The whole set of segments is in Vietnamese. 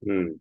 Ừ,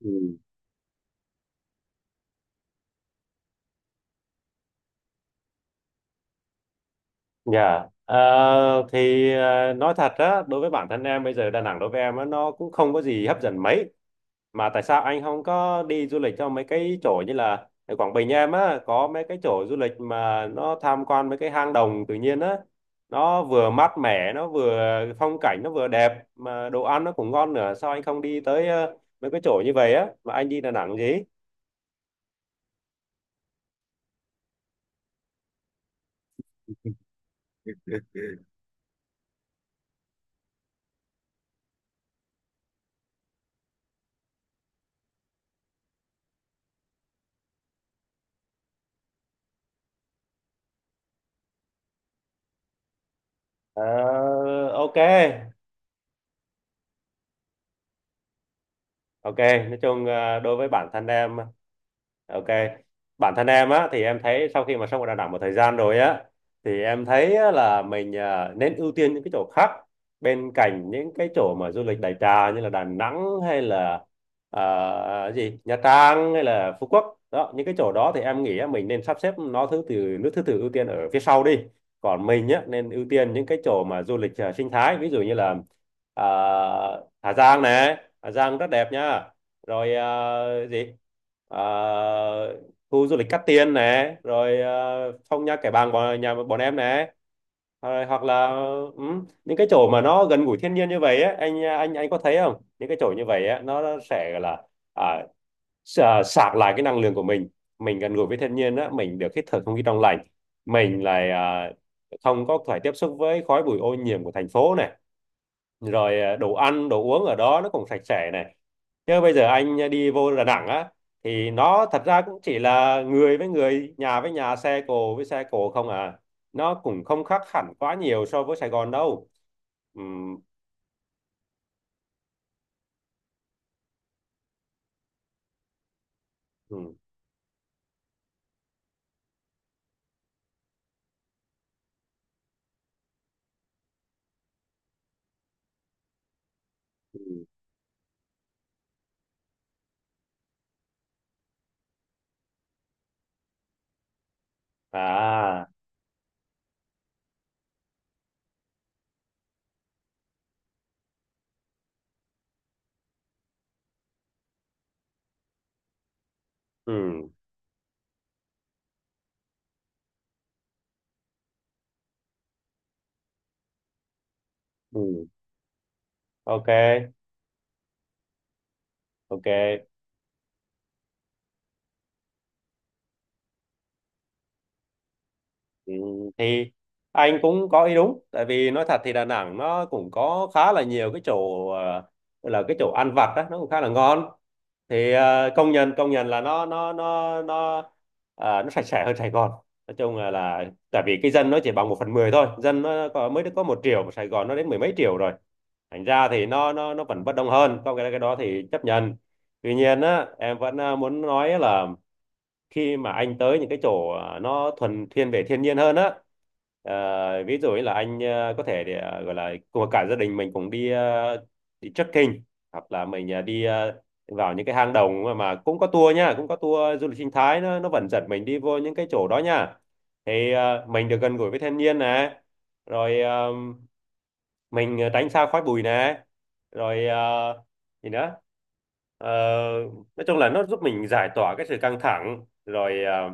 ừ. Dạ. Ờ, thì nói thật á, đối với bản thân em bây giờ Đà Nẵng đối với em á nó cũng không có gì hấp dẫn mấy. Mà tại sao anh không có đi du lịch cho mấy cái chỗ như là ở Quảng Bình, em á có mấy cái chỗ du lịch mà nó tham quan mấy cái hang động tự nhiên á. Nó vừa mát mẻ, nó vừa phong cảnh, nó vừa đẹp, mà đồ ăn nó cũng ngon nữa. Sao anh không đi tới mấy cái chỗ như vậy á mà anh đi Đà Nẵng gì? Ờ, ok. Ok, nói chung đối với bản thân em. Ok. Bản thân em á thì em thấy sau khi mà sống ở Đà Nẵng một thời gian rồi á, thì em thấy á, là mình nên ưu tiên những cái chỗ khác, bên cạnh những cái chỗ mà du lịch đại trà như là Đà Nẵng hay là gì Nha Trang hay là Phú Quốc đó. Những cái chỗ đó thì em nghĩ á, mình nên sắp xếp nó thứ từ, nước thứ tự ưu tiên ở phía sau đi. Còn mình á nên ưu tiên những cái chỗ mà du lịch sinh thái, ví dụ như là à, Hà Giang nè. Hà Giang rất đẹp nha. Rồi gì, Ờ, khu du lịch Cát Tiên nè. Rồi Phong Nha Kẻ Bàng bọn nhà bọn em nè. Rồi, hoặc là, ừ, những cái chỗ mà nó gần gũi thiên nhiên như vậy á, anh có thấy không, những cái chỗ như vậy á nó sẽ gọi là à, sạc lại cái năng lượng của mình. Mình gần gũi với thiên nhiên á, mình được hít thở không khí trong lành, mình lại không có phải tiếp xúc với khói bụi ô nhiễm của thành phố này. Rồi đồ ăn đồ uống ở đó nó cũng sạch sẽ này. Chứ bây giờ anh đi vô Đà Nẵng á thì nó thật ra cũng chỉ là người với người, nhà với nhà, xe cộ với xe cộ không à. Nó cũng không khác hẳn quá nhiều so với Sài Gòn đâu. Ừ, ừ, ừ. À, ừ, ừ. Ok, ok. Ừ, thì anh cũng có ý đúng, tại vì nói thật thì Đà Nẵng nó cũng có khá là nhiều cái chỗ, ờ, là cái chỗ ăn vặt đó nó cũng khá là ngon. Thì công nhận là nó sạch sẽ hơn Sài Gòn. Nói chung là tại vì cái dân nó chỉ bằng 1/10 thôi, dân nó có, mới được có 1 triệu mà Sài Gòn nó đến mười mấy triệu rồi. Thành ra thì nó vẫn bất đông hơn, có cái đó thì chấp nhận. Tuy nhiên á, em vẫn muốn nói là khi mà anh tới những cái chỗ nó thuần thiên về thiên nhiên hơn á, ví dụ như là anh có thể để gọi là cùng cả gia đình mình cùng đi, đi trekking, hoặc là mình đi vào những cái hang động mà cũng có tour nha, cũng có tour du lịch sinh thái, nó vẫn dẫn mình đi vô những cái chỗ đó nha. Thì mình được gần gũi với thiên nhiên nè. Rồi mình tránh xa khói bụi nè. Rồi gì nữa? Ờ, nói chung là nó giúp mình giải tỏa cái sự căng thẳng. Rồi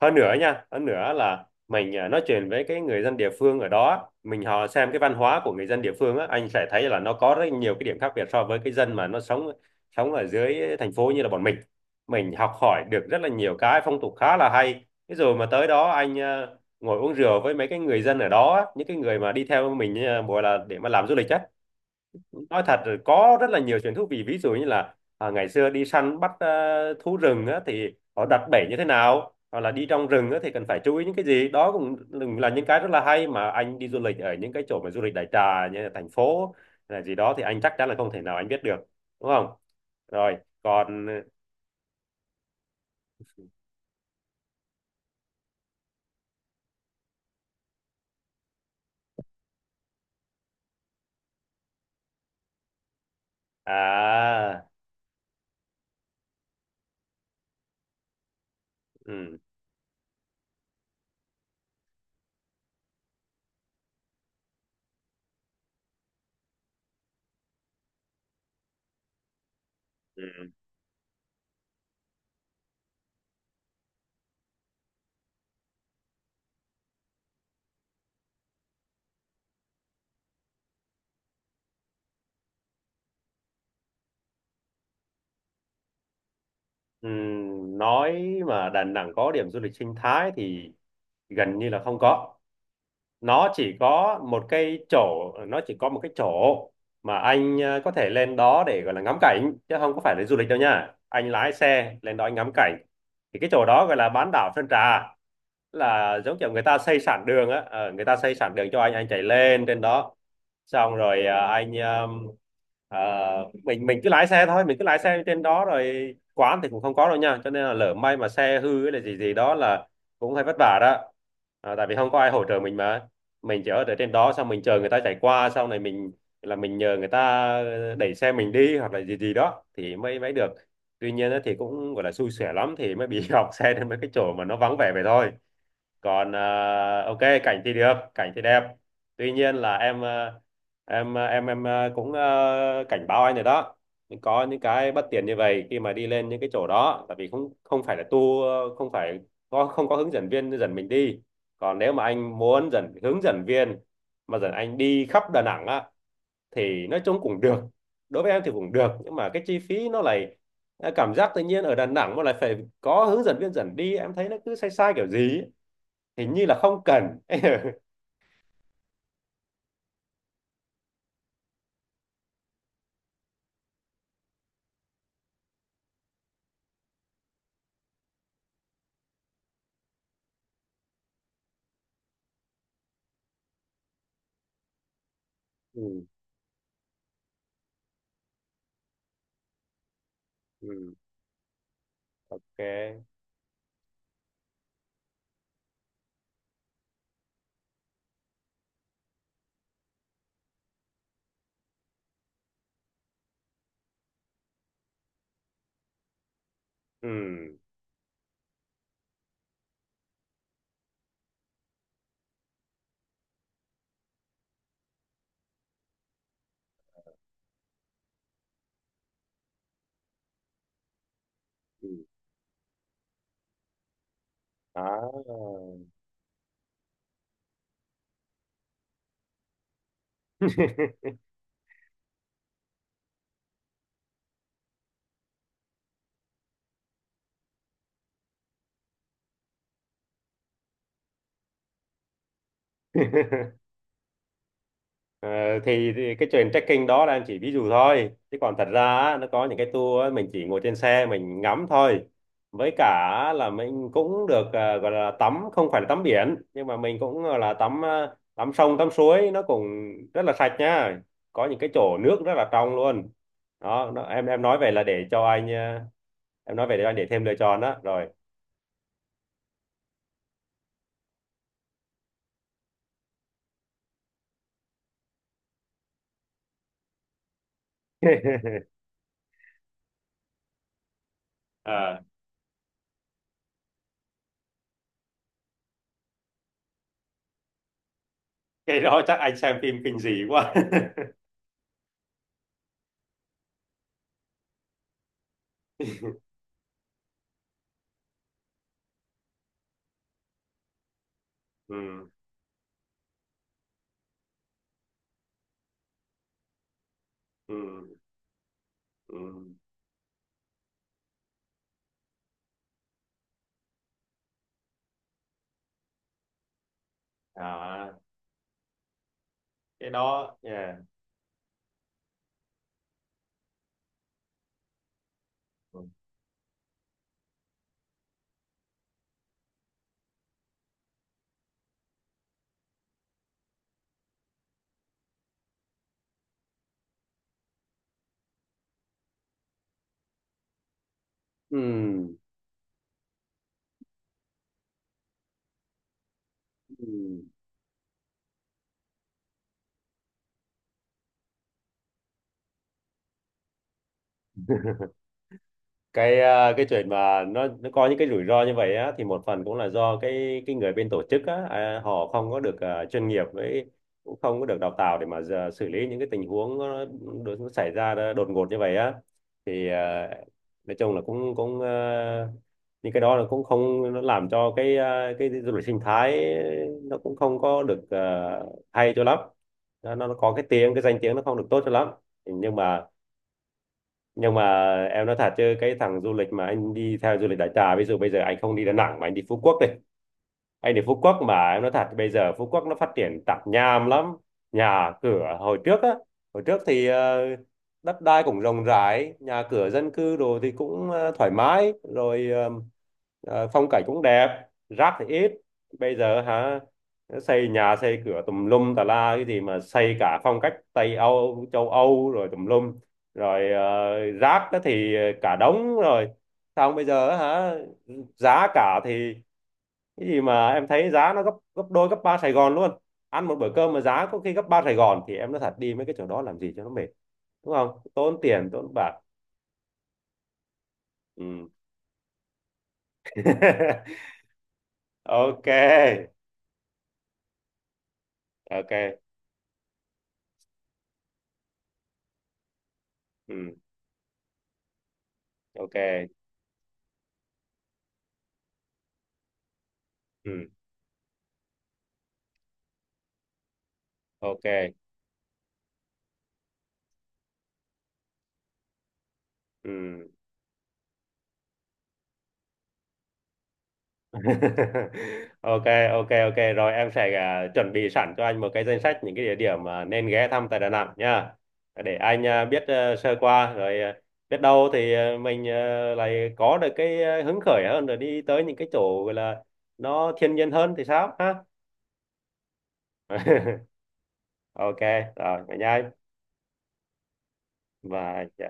hơn nữa nha, hơn nữa là mình nói chuyện với cái người dân địa phương ở đó, mình họ xem cái văn hóa của người dân địa phương á, anh sẽ thấy là nó có rất nhiều cái điểm khác biệt so với cái dân mà nó sống, sống ở dưới thành phố như là bọn mình. Mình học hỏi được rất là nhiều cái phong tục khá là hay thế. Rồi mà tới đó anh ngồi uống rượu với mấy cái người dân ở đó á, những cái người mà đi theo mình gọi là để mà làm du lịch á, nói thật rồi có rất là nhiều chuyện thú vị. Ví dụ như là ngày xưa đi săn bắt thú rừng á, thì họ đặt bẫy như thế nào, hoặc là đi trong rừng á, thì cần phải chú ý những cái gì đó, cũng là những cái rất là hay mà anh đi du lịch ở những cái chỗ mà du lịch đại trà như là thành phố là gì đó thì anh chắc chắn là không thể nào anh biết được. Đúng không? Rồi. Còn à ừ, ừ, ừ, nói mà Đà Nẵng có điểm du lịch sinh thái thì gần như là không có. Nó chỉ có một cái chỗ, nó chỉ có một cái chỗ mà anh có thể lên đó để gọi là ngắm cảnh chứ không có phải là du lịch đâu nha. Anh lái xe lên đó anh ngắm cảnh. Thì cái chỗ đó gọi là bán đảo Sơn Trà. Là giống kiểu người ta xây sẵn đường á, người ta xây sẵn đường cho anh chạy lên trên đó. Xong rồi à, anh à, mình cứ lái xe thôi, mình cứ lái xe trên đó. Rồi quán thì cũng không có đâu nha, cho nên là lỡ may mà xe hư hay là gì gì đó là cũng hơi vất vả đó. Tại vì không có ai hỗ trợ mình mà, mình chỉ ở để trên đó xong mình chờ người ta chạy qua sau này mình là mình nhờ người ta đẩy xe mình đi hoặc là gì gì đó thì mới mới được. Tuy nhiên á, thì cũng gọi là xui xẻ lắm thì mới bị hỏng xe đến mấy cái chỗ mà nó vắng vẻ vậy thôi. Còn ok, cảnh thì được, cảnh thì đẹp. Tuy nhiên là em cũng cảnh báo anh rồi đó. Nhưng có những cái bất tiện như vậy khi mà đi lên những cái chỗ đó, tại vì không không phải là tour, không phải có, không có hướng dẫn viên dẫn mình đi. Còn nếu mà anh muốn dẫn hướng dẫn viên mà dẫn anh đi khắp Đà Nẵng á thì nói chung cũng được. Đối với em thì cũng được nhưng mà cái chi phí nó lại, cảm giác tự nhiên ở Đà Nẵng mà lại phải có hướng dẫn viên dẫn đi, em thấy nó cứ sai sai kiểu gì ấy, hình như là không cần. Ừ, ừ, ok, ừ, ừ. Đó. Ờ, thì cái chuyện trekking đó là em chỉ ví dụ thôi, chứ còn thật ra á, nó có những cái tour á, mình chỉ ngồi trên xe mình ngắm thôi. Với cả là mình cũng được gọi là tắm, không phải là tắm biển nhưng mà mình cũng gọi là tắm, tắm sông tắm suối, nó cũng rất là sạch nhá. Có những cái chỗ nước rất là trong luôn. Đó nó, em nói về là để cho anh em nói về để anh để thêm lựa chọn đó rồi. à cái đó chắc anh xem phim kinh dị quá. Ừ, ừ, ừ. À, cái đó, yeah. Ừ. Ừm, ừm. Cái chuyện mà nó có những cái rủi ro như vậy á thì một phần cũng là do cái người bên tổ chức á, họ không có được chuyên nghiệp với, cũng không có được đào tạo để mà giờ xử lý những cái tình huống nó, nó xảy ra ra đột ngột như vậy á. Thì nói chung là cũng cũng những cái đó là cũng không, nó làm cho cái du lịch sinh thái nó cũng không có được hay cho lắm. Nó có cái danh tiếng nó không được tốt cho lắm. Nhưng mà nhưng mà em nói thật chứ cái thằng du lịch mà anh đi theo du lịch đại trà, ví dụ bây giờ anh không đi Đà Nẵng mà anh đi Phú Quốc đi. Anh thì Phú Quốc mà em nói thật, bây giờ Phú Quốc nó phát triển tạp nham lắm. Nhà cửa hồi trước á, hồi trước thì đất đai cũng rộng rãi, nhà cửa dân cư đồ thì cũng thoải mái. Rồi phong cảnh cũng đẹp. Rác thì ít. Bây giờ hả, xây nhà xây cửa tùm lum tà la, cái gì mà xây cả phong cách Tây Âu, châu Âu rồi tùm lum. Rồi rác á thì cả đống rồi. Xong bây giờ á hả, giá cả thì cái gì mà em thấy giá nó gấp gấp đôi gấp ba Sài Gòn luôn. Ăn một bữa cơm mà giá có khi gấp ba Sài Gòn, thì em nói thật đi mấy cái chỗ đó làm gì cho nó mệt. Đúng không, tốn tiền tốn bạc. Ừ. Ok, ok. Ừ. Ok. Ừ. Ok. Ừ. Ok. Ok ok rồi, em sẽ chuẩn bị sẵn cho anh một cái danh sách những cái địa điểm mà nên ghé thăm tại Đà Nẵng nha. Để anh biết sơ qua. Rồi biết đâu thì mình lại có được cái hứng khởi hơn rồi đi tới những cái chỗ gọi là nó thiên nhiên hơn thì sao ha. Ok, rồi vậy nha anh. Và dạ.